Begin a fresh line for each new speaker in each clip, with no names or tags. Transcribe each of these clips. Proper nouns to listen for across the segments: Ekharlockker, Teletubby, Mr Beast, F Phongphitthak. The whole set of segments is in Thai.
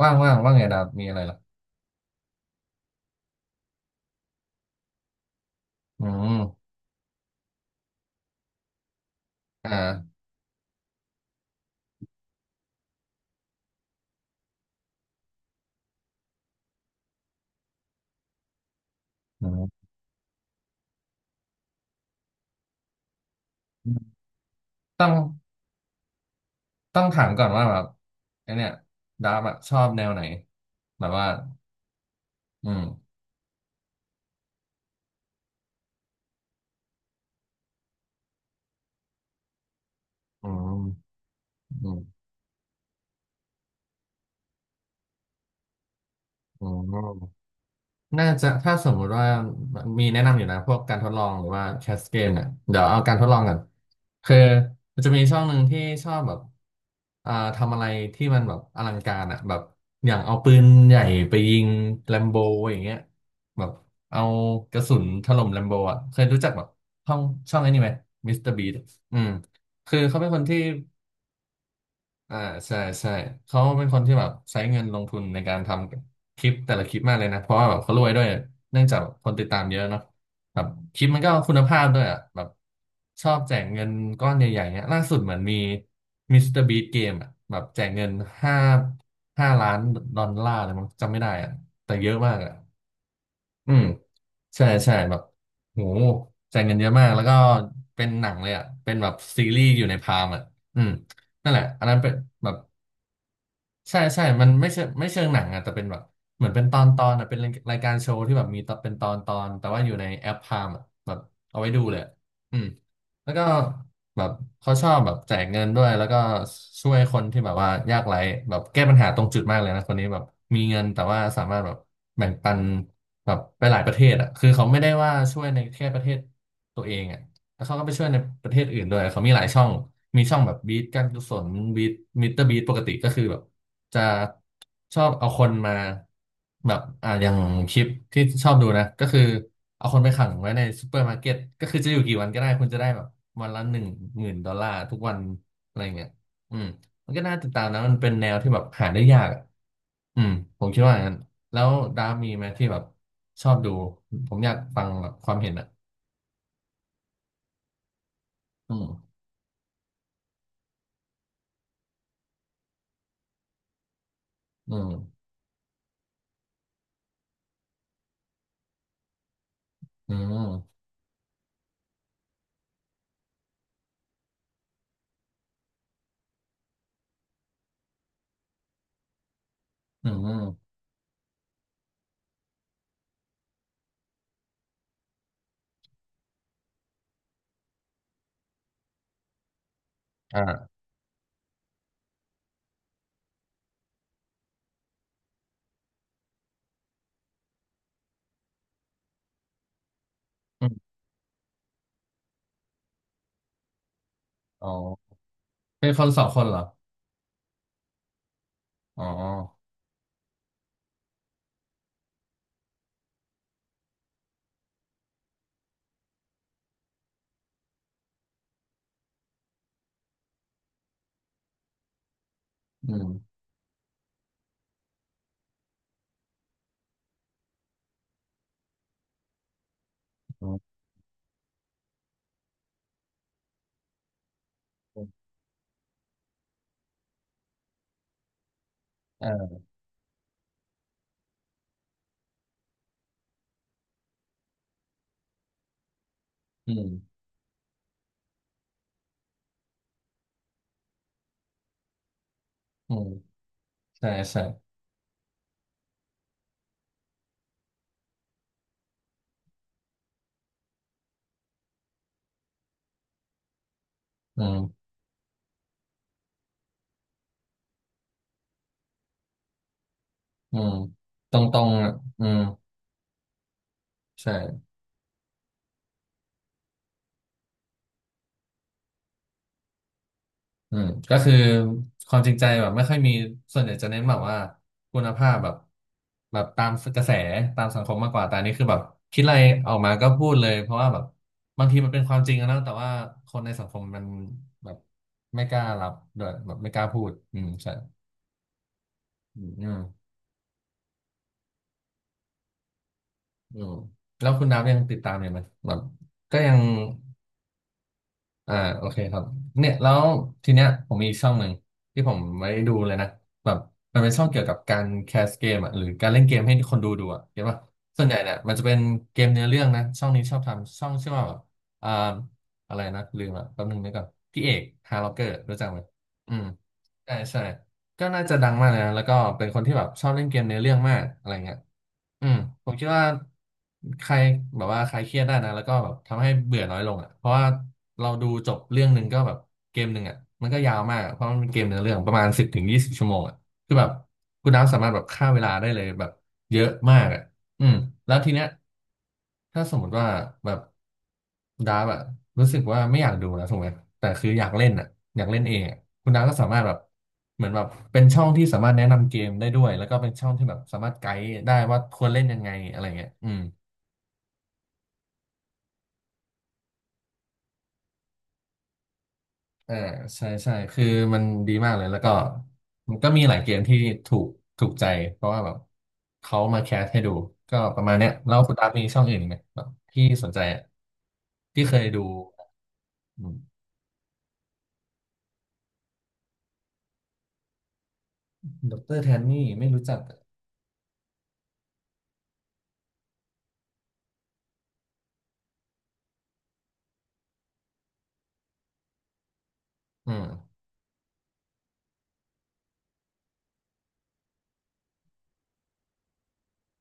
ว่างว่างว่างไงดาบมีอะไรเหรออืม อ่าอืมต้องต้องถามก่อนว่าแบบไอเนี่ยดาบอะชอบแนวไหน แบบว่า อืม อืม อืมอืม น่าจะถ้าสมมุติว่ามีแนะนำอยู่นะพวกการทดลองหรือว่าแคสเกมเนี่ยเดี๋ยวเอาการทดลองก่อนคือมันจะมีช่องหนึ่งที่ชอบแบบอ่าทำอะไรที่มันแบบอลังการอ่ะแบบอย่างเอาปืนใหญ่ไปยิงแลมโบอย่างเงี้ยแบบเอากระสุนถล่มแลมโบอ่ะเคยรู้จักแบบช่องช่องไอ้นี่ไหมมิสเตอร์บีอืมคือเขาเป็นคนที่ อ่าใช่ใช่เขาเป็นคนที่แบบใช้เงินลงทุนในการทำคลิปแต่ละคลิปมากเลยนะเพราะว่าแบบเขารวยด้วยเนื่องจากคนติดตามเยอะเนาะแบบคลิปมันก็คุณภาพด้วยอ่ะแบบชอบแจกเงินก้อนใหญ่ๆเนี้ยล่าสุดเหมือนมีมิสเตอร์บีเกมอ่ะแบบแจกเงินห้าห้าล้านดอลลาร์เลยมั้งจำไม่ได้อ่ะแต่เยอะมากอ่ะอืมใช่ใช่แบบโหแจกเงินเยอะมากแล้วก็เป็นหนังเลยอ่ะเป็นแบบซีรีส์อยู่ในพามอ่ะอืมนั่นแหละอันนั้นเป็นแบบ ใช่ใช่มันไม่เชิงหนังอ่ะแต่เป็นแบบเหมือนเป็นตอนตอนอ่ะเป็นรายการโชว์ที่แบบมีตอนเป็นตอนตอนแต่ว่าอยู่ในแอปพามอ่ะแบบเอาไว้ดูเลยอะอืมแล้วก็แบบเขาชอบแบบแจกเงินด้วยแล้วก็ช่วยคนที่แบบว่ายากไร้แบบแก้ปัญหาตรงจุดมากเลยนะคนนี้แบบมีเงินแต่ว่าสามารถแบบแบ่งปันแบบไปหลายประเทศอ่ะคือเขาไม่ได้ว่าช่วยในแค่ประเทศตัวเองอ่ะ แล้วเขาก็ไปช่วยในประเทศอื่นด้วยเขามีหลายช่อง มีช่องแบบบีทการกุศลบีทมิเตอร์บีทปกติก็คือแบบจะชอบเอาคนมาแบบอ่าอย่างคลิปที่ชอบดูนะก็คือเอาคนไปขังไว้ในซูเปอร์มาร์เก็ตก็คือจะอยู่กี่วันก็ได้คุณจะได้แบบวันละ10,000 ดอลลาร์ทุกวันอะไรเงี้ยอืมมันก็น่าติดตามนะมันเป็นแนวที่แบบหาได้ยากอะอืมผมคิดว่าอย่างนั้นแล้วดาฟมีไหมที่แบบชอบดูผมอยากฟังแบบความเห็นอ่ะอืมอืม อืมอืมอ่าอืมอ๋อเป็นคนสองคนเหรออ๋ออืมอืมอ่าอืมอืมใช่ใช่อืมอืมตรงตรงอ่ะอืมใช่อืมก็คือความจริงใจแบบไม่ค่อยมีส่วนใหญ่จะเน้นแบบว่าคุณภาพแบบแบบตามกระแสตามสังคมมากกว่า แต่อันนี้คือแบบคิดอะไรออกมาก็พูดเลย เพราะว่าแบบบางทีมันเป็นความจริงอะนะแต่ว่าคนในสังคมมันแบบไม่กล้ารับด้วยแบบไม่กล้าพูดอืมใช่ อืมอืมอืมแล้วคุณดับยังติดตามอยู่ไหมแบบก็ยังอ่าโอเคครับเนี่ยแล้วทีเนี้ยผมมีอีกช่องหนึ่งที่ผมไม่ดูเลยนะแบบมันเป็นช่องเกี่ยวกับการแคสเกมอ่ะหรือการเล่นเกมให้คนดูดูอ่ะเห็นป่ะส่วนใหญ่เนี่ยมันจะเป็นเกมเนื้อเรื่องนะช่องนี้ชอบทำช่องชื่อว่าแบบอ่าอะไรนะลืมอ่ะแป๊บนึงนึกก่อนพี่เอกฮาร์ล็อกเกอร์รู้จักไหมอืมใช่ใช่ก็น่าจะดังมากเลยนะแล้วก็เป็นคนที่แบบชอบเล่นเกมเนื้อเรื่องมากอะไรเงี้ย อืมผมคิดว่าใครแบบว่าใครเครียดได้นะแล้วก็แบบทำให้เบื่อน้อยลงอ่ะเพราะว่าเราดูจบเรื่องหนึ่งก็แบบเกมหนึ่งอ่ะมันก็ยาวมากอะเพราะมันเป็นเกมเนื้อเรื่องประมาณ10 ถึง 20 ชั่วโมงอ่ะคือแบบคุณน้ำสามารถแบบฆ่าเวลาได้เลยแบบเยอะมากอ่ะ อืมแล้วทีเนี้ยถ้าสมมติว่าแบบดาร์ฟอะรู้สึกว่าไม่อยากดูนะถูกไหมติแต่คืออยากเล่นอะอยากเล่นเองอะคุณดาร์ฟก็สามารถแบบเหมือนแบบเป็นช่องที่สามารถแนะนำเกมได้ด้วยแล้วก็เป็นช่องที่แบบสามารถไกด์ได้ว่าควรเล่นยังไงอะไรเงี้ยอืมเออใช่ใช่คือมันดีมากเลยแล้วก็มันก็มีหลายเกมที่ถูกถูกใจเพราะว่าแบบเขามาแคสให้ดูก็ประมาณเนี้ยแล้วคุณดาฟมีช่องอื่นอีกไหมแบบที่สนใจอะที่เคยดู ดอกเตอร์แทนนี่ไม่รู้จักอะอืม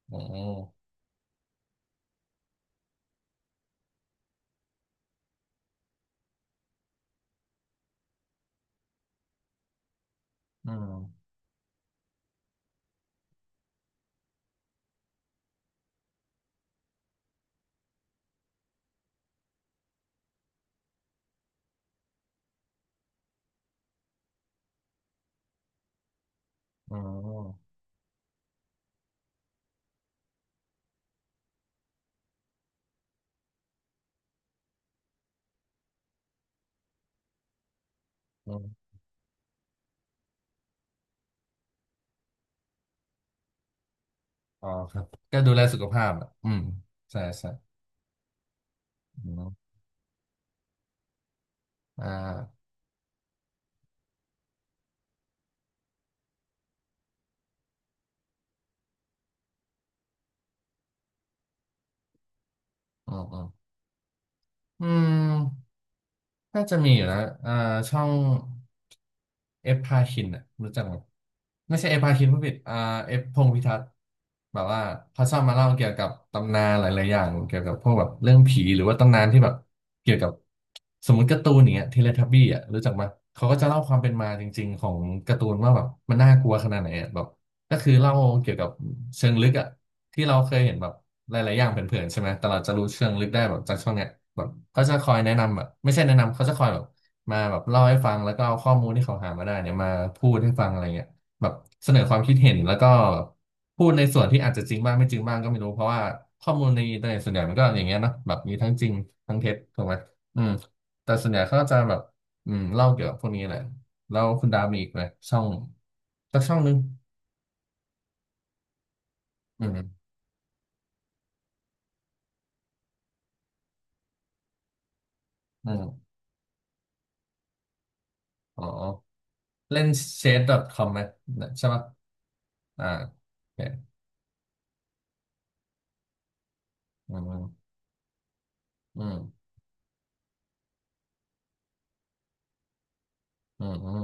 อืมอืมอืมอืมอ๋อครับ ก็ดูแลสุขภาพอ่ะอืม ใช่ ใช่อืมอ่าอืมอืมอืม น่าจะมีอยู่นะอ่าช่องเอฟพาคินอ่ะรู้จักไหมไม่ใช่เอฟพาคินผู้ผิดอ่าเอฟพงษ์พิทักษ์แบบว่าเขาชอบมาเล่าเกี่ยวกับตำนานหลายๆอย่างเกี่ยวกับพวกแบบเรื่องผีหรือว่าตำนานที่แบบเกี่ยวกับสมมติการ์ตูนอย่างเงี้ยเทเลทับบี้อ่ะรู้จักไหมเขาก็จะเล่าความเป็นมาจริงๆ ของการ์ตูนว่าแบบมันน่ากลัวขนาดไหนอะแบบ ก็คือเล่าเกี่ยวกับเชิงลึกอะที่เราเคยเห็นแบบหลายๆอย่างเผินๆใช่ไหมแต่เราจะรู้เชิงลึกได้แบบจากช่วงเนี้ยแบบเขาจะคอยแนะนำแบบไม่ใช่แนะนำเขาจะคอยแบบมาแบบเล่าให้ฟังแล้วก็เอาข้อมูลที่เขาหามาได้เนี่ยมาพูดให้ฟังอะไรเงี้ยแบบเสนอความคิดเห็นแล้วก็พูดในส่วนที่อาจจะจริงบ้างไม่จริงบ้างก็ไม่รู้เพราะว่าข้อมูลในอินเทอร์เน็ตส่วนใหญ่มันก็อย่างเงี้ยเนาะแบบมีทั้งจริงทั้งเท็จถูกไหมอืมแต่ส่วนใหญ่เขาก็จะแบบอืมเล่าเกี่ยวกับพวกนี้แหละแล้วคุณดาวมีอีกไหมช่องสักช่องนึงอืม อืมอ๋อเล่น ch.comไหมใช่ปะอ่าโอเคอืมอืมอืมอืม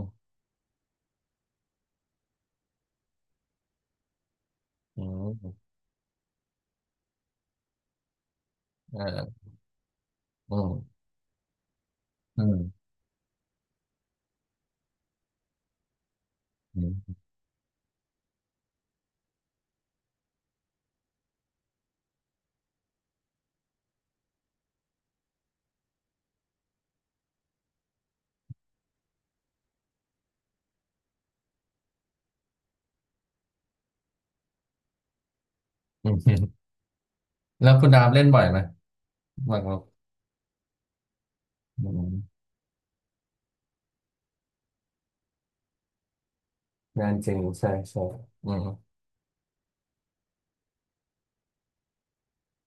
อืมเอออืมอืมอืมอืมแล้วคุณดามเล่นบ่อยไหมบ่อยครับอืมงานจริงใช่ใช่อืม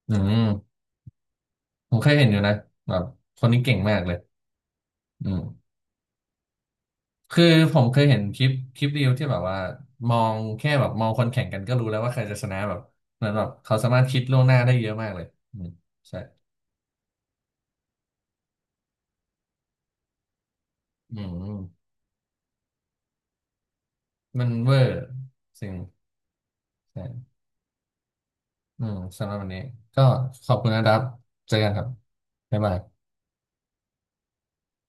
อืมผมเคยเห็นอยู่นะแบบคนนี้เก่งมากเลยอืมคือผมเคยเห็นคลิปเรียวที่แบบว่ามองแค่แบบมองคนแข่งกันก็รู้แล้วว่าใครจะชนะแบบเหมือนแบบเขาสามารถคิดล่วงหน้าได้เยอะมากเลยอืมใช่อืม มันเวอร์สิ่งใช่อืมสำหรับวันนี้ก็ขอบคุณนะครับเจอกันครับบ๊ายบาย